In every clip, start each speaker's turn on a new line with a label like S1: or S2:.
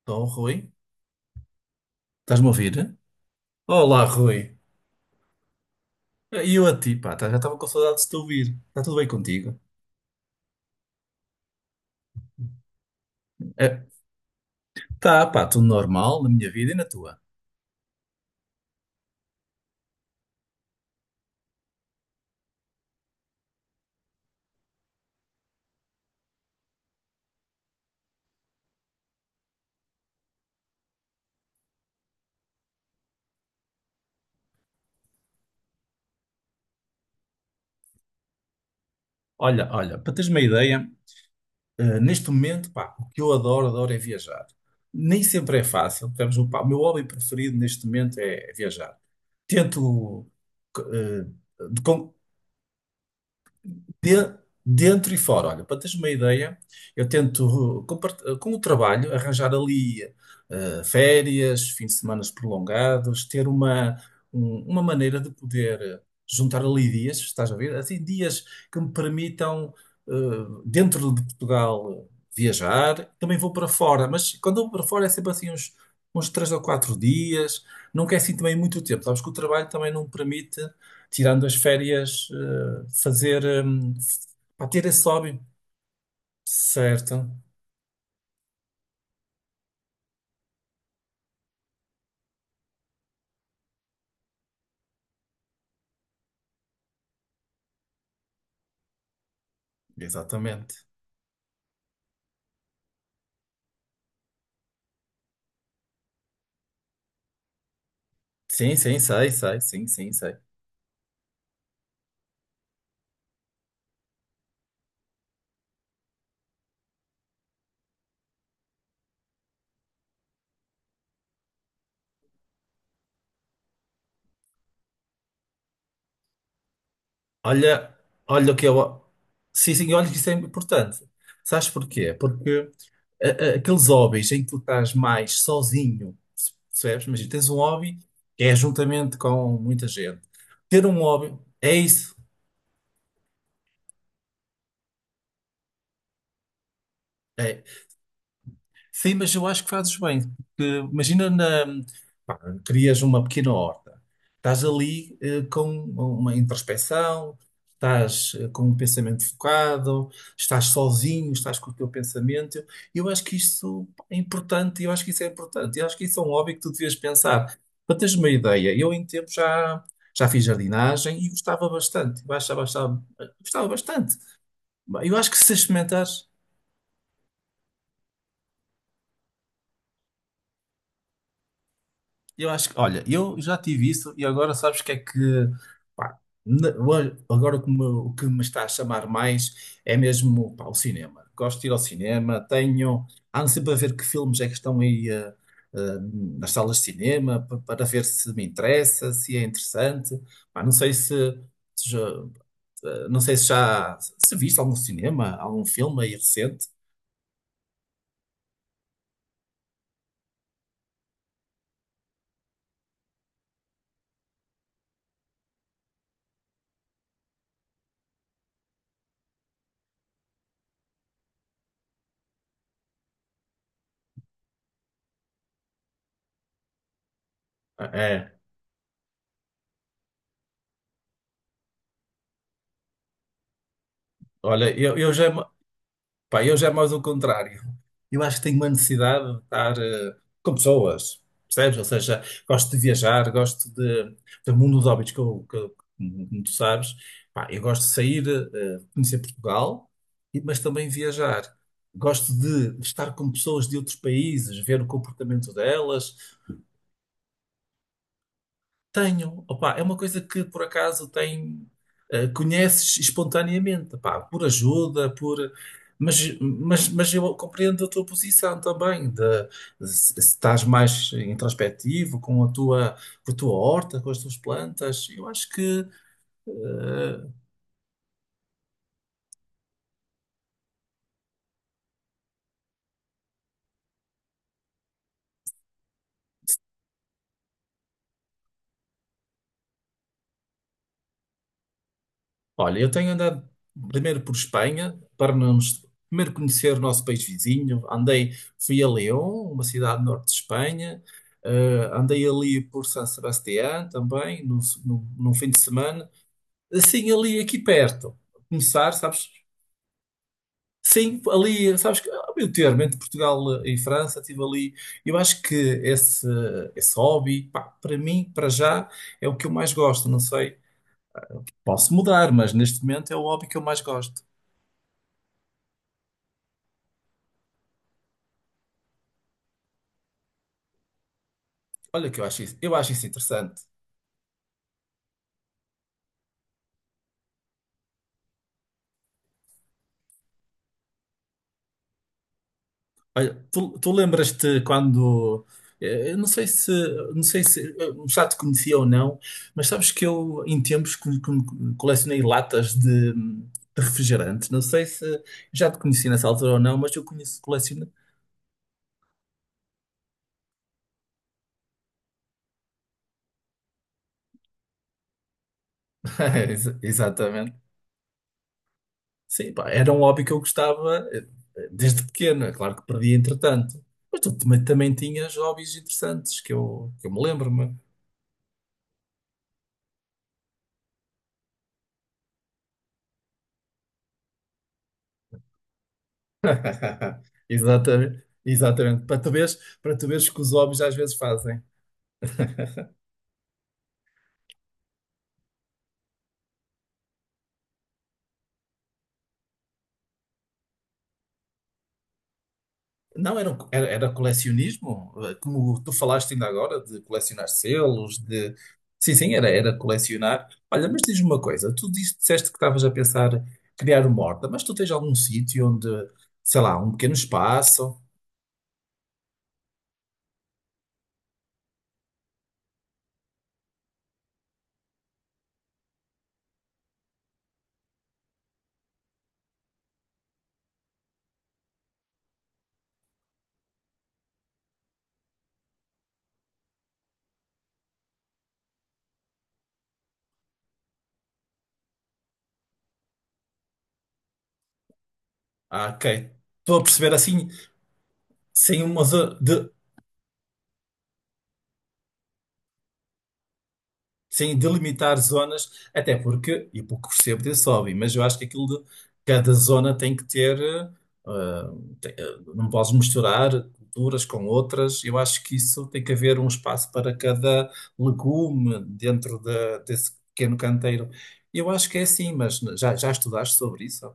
S1: Estou, Rui? Estás-me a ouvir? Olá, Rui. E eu a ti, pá, já estava com saudades de te ouvir. Está tudo bem contigo? É, tá, pá, tudo normal na minha vida e na tua. Olha, para teres uma ideia, neste momento, pá, o que eu adoro, adoro é viajar. Nem sempre é fácil. Temos, pá, o meu hobby preferido neste momento é viajar. Tento, eh, de- dentro e fora. Olha, para teres uma ideia, eu tento, com o trabalho, arranjar ali férias, fins de semana prolongados, ter uma maneira de poder juntar ali dias, estás a ver? Assim, dias que me permitam, dentro de Portugal, viajar. Também vou para fora, mas quando eu vou para fora é sempre assim uns três ou quatro dias. Não quer assim também muito tempo. Sabes que o trabalho também não permite tirando as férias, fazer, pá, ter esse hobby. Certo, exatamente. Sim, sei, sim, sei. Olha, olha o que eu. Sim, sim, olha que isso é importante. Sabes porquê? Porque a- aqueles hobbies em que tu estás mais sozinho, percebes? Mas tens um hobby que é juntamente com muita gente. Ter um hobby, é isso. É. Sim, mas eu acho que fazes bem, porque imagina na, pá, crias uma pequena horta. Estás ali com uma introspeção, estás com um pensamento focado, estás sozinho, estás com o teu pensamento. Eu acho que isso é importante, eu acho que isso é importante. Eu acho que isso é um hobby que tu devias pensar. Para teres uma ideia, eu já fiz jardinagem e gostava bastante. Eu gostava bastante. Eu acho que se experimentares. Eu acho que, olha, eu já tive isso e agora sabes o que é que, pá, agora o que me está a chamar mais é mesmo, pá, o cinema. Gosto de ir ao cinema, tenho. Ando sempre a ver que filmes é que estão aí eh, nas salas de cinema para ver se me interessa, se é interessante. Pá, não sei se, se já, não sei se já. Se viste algum cinema, algum filme aí recente. Ah, é. Olha, eu já. Pá, eu já é mais o contrário. Eu acho que tenho uma necessidade de estar com pessoas, percebes? Ou seja, gosto de viajar, gosto de, do mundo dos hobbies, que como tu sabes. Pá, eu gosto de sair, conhecer Portugal, mas também viajar. Gosto de estar com pessoas de outros países, ver o comportamento delas. Tenho, opá, é uma coisa que por acaso tem, conheces espontaneamente, opá, por ajuda, por. Mas eu compreendo a tua posição também, de, se se estás mais introspectivo com a tua horta, com as tuas plantas, eu acho que eh, olha, eu tenho andado primeiro por Espanha para nos primeiro conhecer o nosso país vizinho. Andei, fui a León, uma cidade do norte de Espanha. Eh, andei ali por San Sebastián também, no, no, num fim de semana. Assim, ali aqui perto. Começar, sabes? Sim, ali, sabes que ao meu termo, entre Portugal e França, estive ali. Eu acho que esse hobby, pá, para mim, para já, é o que eu mais gosto. Não sei, posso mudar, mas neste momento é o hobby que eu mais gosto. Olha que eu acho isso interessante. Olha, tu lembras-te quando, eu não sei se, não sei se já te conhecia ou não, mas sabes que eu em tempos colecionei latas de refrigerante. Não sei se já te conheci nessa altura ou não, mas eu conheço coleciono. Exatamente. Sim, pá, era um hobby que eu gostava desde pequeno. É claro que perdi entretanto. Mas tu também, também tinhas hobbies interessantes que eu me lembro-me. Exatamente, exatamente. Para tu veres que os hobbies às vezes fazem. Não, era, um era, era colecionismo, como tu falaste ainda agora, de colecionar selos, de... Sim, sim, era, era colecionar. Olha, mas diz-me uma coisa, tu disseste que estavas a pensar criar uma horta, mas tu tens algum sítio onde, sei lá, um pequeno espaço? Ah, ok. Estou a perceber assim, sem uma zona. Sem delimitar zonas, até porque, e pouco percebo desse hobby, mas eu acho que aquilo de cada zona tem que ter, ah, não podes misturar culturas com outras. Eu acho que isso tem que haver um espaço para cada legume dentro desse pequeno canteiro. Eu acho que é assim, mas já, já estudaste sobre isso?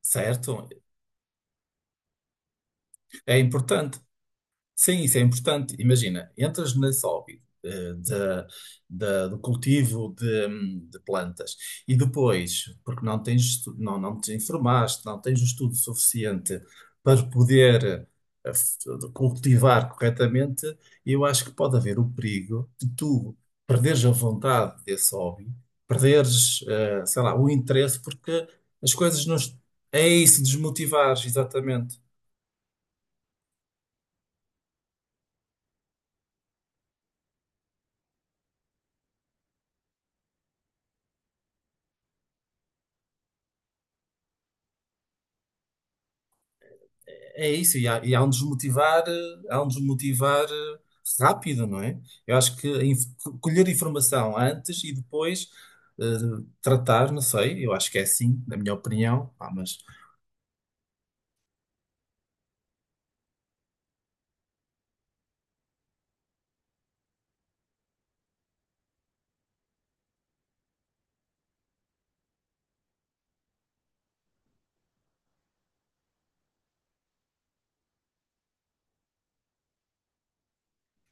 S1: Certo? É importante. Sim, isso é importante. Imagina, entras nesse hobby do cultivo de plantas e depois, porque não tens, não, não te informaste, não tens o estudo suficiente para poder eh, f- cultivar corretamente, eu acho que pode haver o perigo de tu perderes a vontade desse hobby, perderes, sei lá, o interesse, porque as coisas não, é isso, desmotivares, exatamente. É isso, e há um desmotivar, há um desmotivar rápido, não é? Eu acho que a colher informação antes e depois tratar, não sei, eu acho que é assim, na minha opinião, pá, mas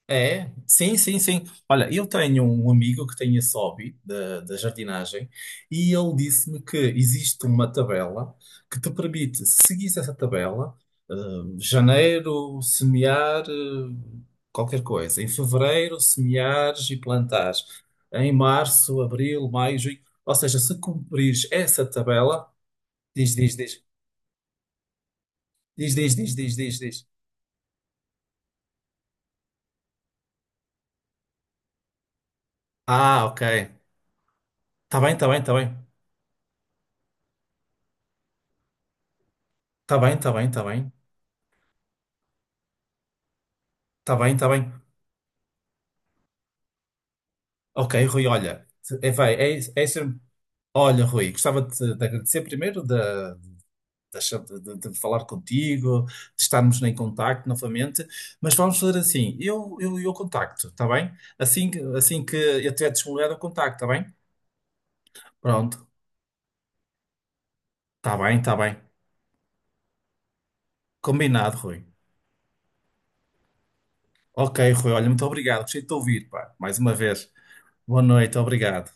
S1: é, sim, sim, sim. Olha, eu tenho um amigo que tem esse hobby da, da jardinagem e ele disse-me que existe uma tabela que te permite, se seguires essa tabela, eh, janeiro, semear, qualquer coisa. Em fevereiro, semeares e plantares. Em março, abril, maio, junho. Ou seja, se cumprires essa tabela, diz, diz, diz, diz, diz, diz, diz, diz, diz. Ah, ok. Está bem, está bem, está bem. Está bem, está bem, está bem. Está bem, está bem. Ok, Rui, olha, é, vai, é, é isso. Olha, Rui, gostava de, de agradecer primeiro de, de falar contigo, de estarmos em contacto novamente, mas vamos fazer assim, eu contacto, está bem? Assim, assim que eu tiver disponibilidade, eu contacto, está bem? Pronto, está bem, está bem. Combinado, Rui. Ok, Rui, olha, muito obrigado, gostei de te ouvir, pá, mais uma vez. Boa noite, obrigado.